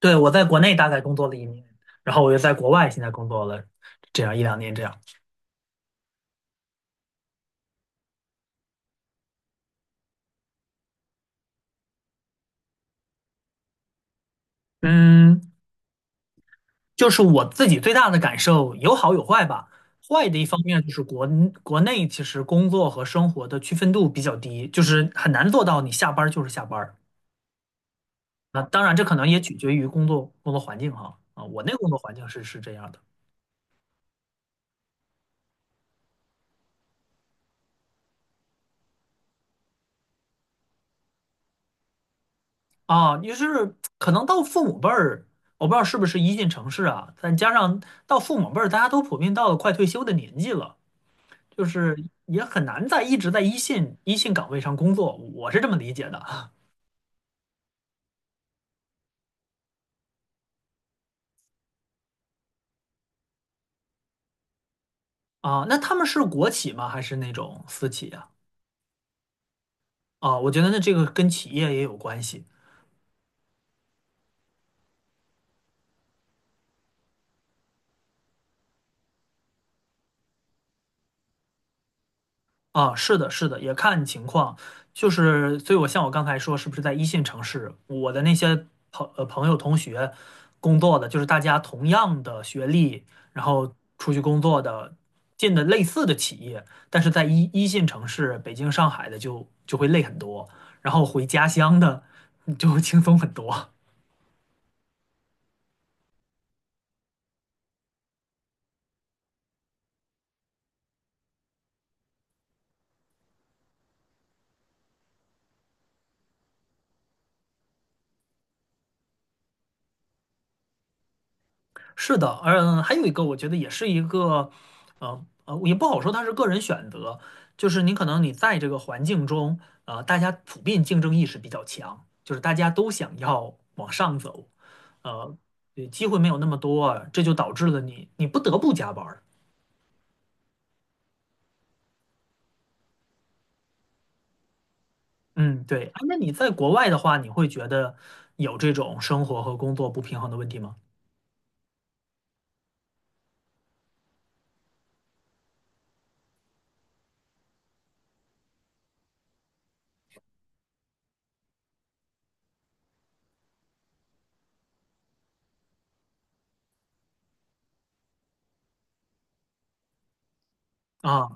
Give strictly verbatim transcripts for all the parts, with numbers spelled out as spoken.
对，我在国内大概工作了一年，然后我又在国外现在工作了这样一两年这样。嗯，就是我自己最大的感受有好有坏吧。坏的一方面就是国国内其实工作和生活的区分度比较低，就是很难做到你下班儿就是下班儿。那当然这可能也取决于工作工作环境哈。啊，我那个工作环境是是这样的。啊，也就是可能到父母辈儿，我不知道是不是一线城市啊，再加上到父母辈儿，大家都普遍到了快退休的年纪了。就是也很难在一直在一线一线岗位上工作，我是这么理解的。啊，那他们是国企吗？还是那种私企啊？啊，我觉得那这个跟企业也有关系。啊，是的，是的，也看情况，就是，所以我像我刚才说，是不是在一线城市，我的那些朋呃朋友、同学工作的，就是大家同样的学历，然后出去工作的，进的类似的企业，但是在一一线城市，北京、上海的就就会累很多，然后回家乡的 就会轻松很多。是的，嗯，还有一个，我觉得也是一个，呃呃，也不好说它是个人选择，就是你可能你在这个环境中，呃，大家普遍竞争意识比较强，就是大家都想要往上走，呃，对机会没有那么多，这就导致了你你不得不加班儿。嗯，对。哎，那你在国外的话，你会觉得有这种生活和工作不平衡的问题吗？啊。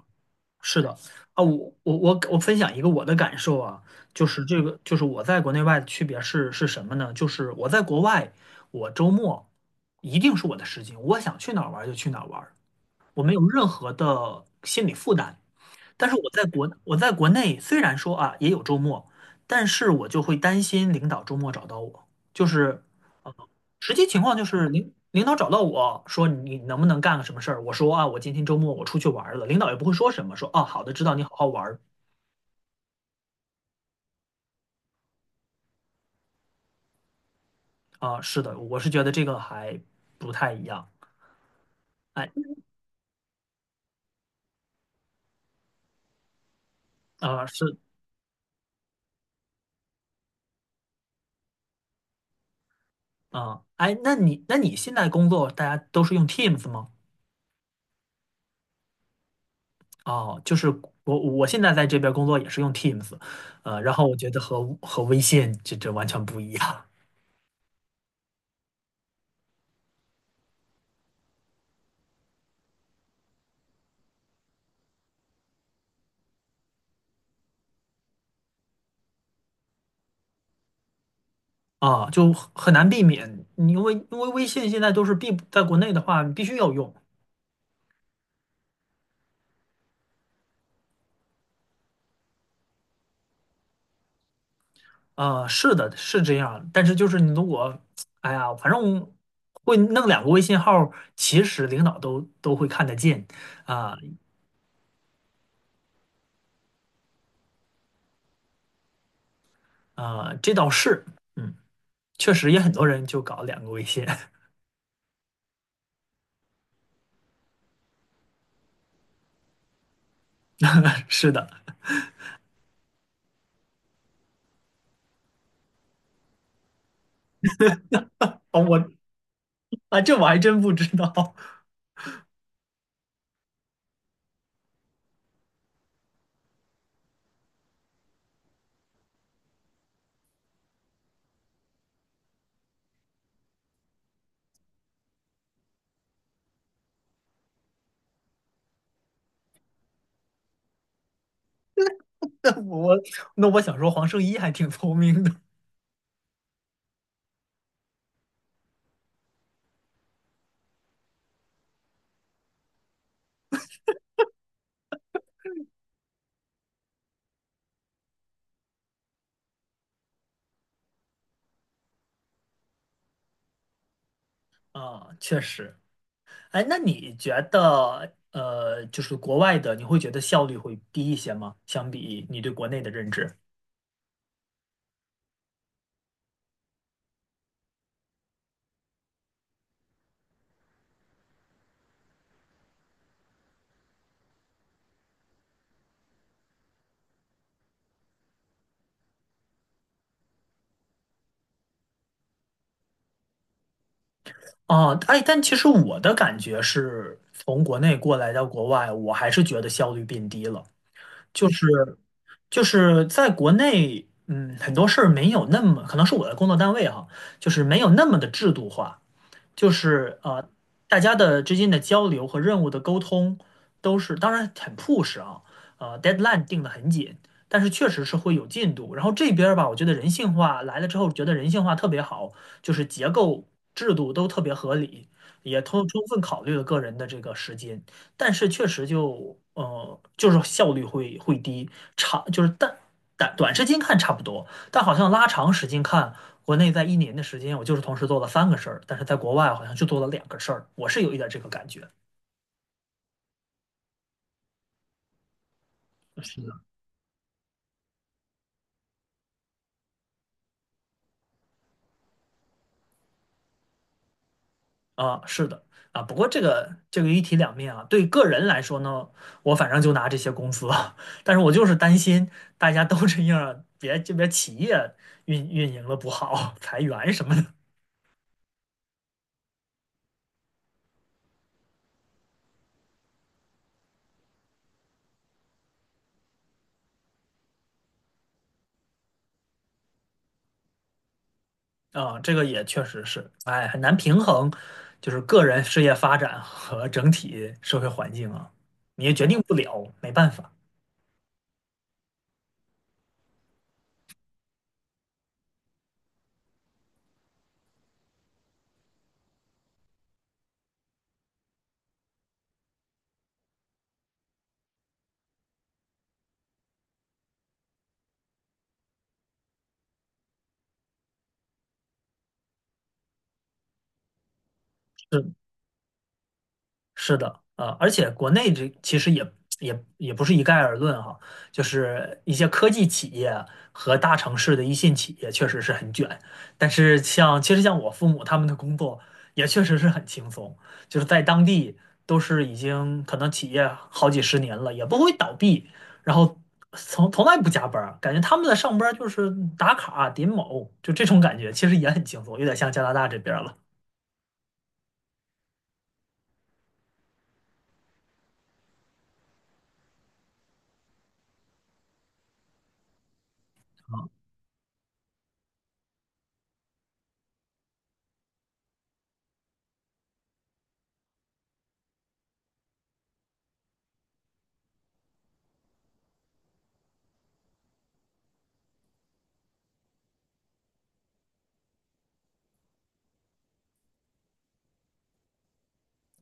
是的。啊，我我我我分享一个我的感受啊，就是这个，就是我在国内外的区别是是什么呢？就是我在国外，我周末一定是我的时间，我想去哪儿玩儿就去哪儿玩儿，我没有任何的心理负担。但是我在国我在国内，虽然说啊也有周末，但是我就会担心领导周末找到我，就是实际情况就是领领导找到我说你能不能干个什么事儿，我说啊我今天周末我出去玩儿了，领导也不会说什么，说哦好的知道你好好玩。啊，是的，我是觉得这个还不太一样。哎，啊，是啊，哎，那你那你现在工作大家都是用 Teams 吗？哦，就是我我现在在这边工作也是用 Teams,呃，然后我觉得和和微信这这完全不一样。啊，就很很难避免，因为因为微信现在都是必在国内的话你必须要用，呃，是的，是这样，但是就是你如果，哎呀，反正会弄两个微信号，其实领导都都会看得见。啊，啊，这倒是，嗯，确实也很多人就搞两个微信，是的，哦，我啊，这我还真不知道，那我那我想说黄圣依还挺聪明的。啊，确实，哎，那你觉得呃，就是国外的，你会觉得效率会低一些吗？相比你对国内的认知？哦，哎，但其实我的感觉是，从国内过来到国外，我还是觉得效率变低了。就是就是在国内，嗯，很多事儿没有那么，可能是我的工作单位哈，就是没有那么的制度化。就是呃，大家的之间的交流和任务的沟通都是，当然很 push 啊，呃，deadline 定得很紧，但是确实是会有进度。然后这边儿吧，我觉得人性化来了之后，觉得人性化特别好，就是结构制度都特别合理，也充充分考虑了个人的这个时间，但是确实就呃，就是效率会会低，长就是但短短时间看差不多，但好像拉长时间看。国内在一年的时间，我就是同时做了三个事儿，但是在国外好像就做了两个事儿，我是有一点这个感觉。是的，啊，是的啊。不过这个这个一体两面啊，对个人来说呢，我反正就拿这些公司资，但是我就是担心大家都这样，别这边企业运运营了不好，裁员什么的。啊，这个也确实是，哎，很难平衡，就是个人事业发展和整体社会环境啊，你也决定不了，没办法。是，是的，呃，而且国内这其实也也也不是一概而论哈，就是一些科技企业和大城市的一线企业确实是很卷，但是像其实像我父母他们的工作也确实是很轻松，就是在当地都是已经可能企业好几十年了，也不会倒闭，然后从从来不加班儿，感觉他们的上班儿就是打卡点卯，就这种感觉，其实也很轻松，有点像加拿大这边儿了。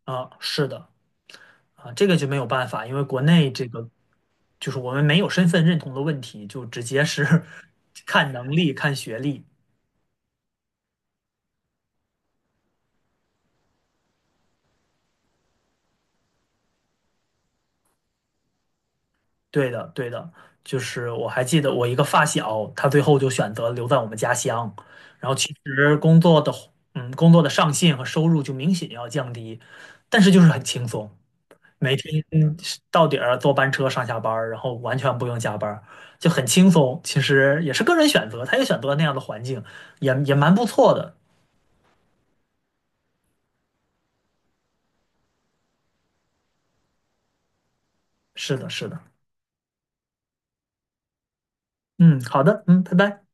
啊，是的。啊，这个就没有办法，因为国内这个就是我们没有身份认同的问题，就直接是 看能力、看学历。对的，对的，就是我还记得我一个发小，他最后就选择留在我们家乡，然后其实工作的，嗯，工作的上限和收入就明显要降低，但是就是很轻松，每天到点儿坐班车上下班儿，然后完全不用加班儿，就很轻松。其实也是个人选择，他也选择了那样的环境，也也蛮不错的。是的，是的。嗯，好的，嗯，拜拜。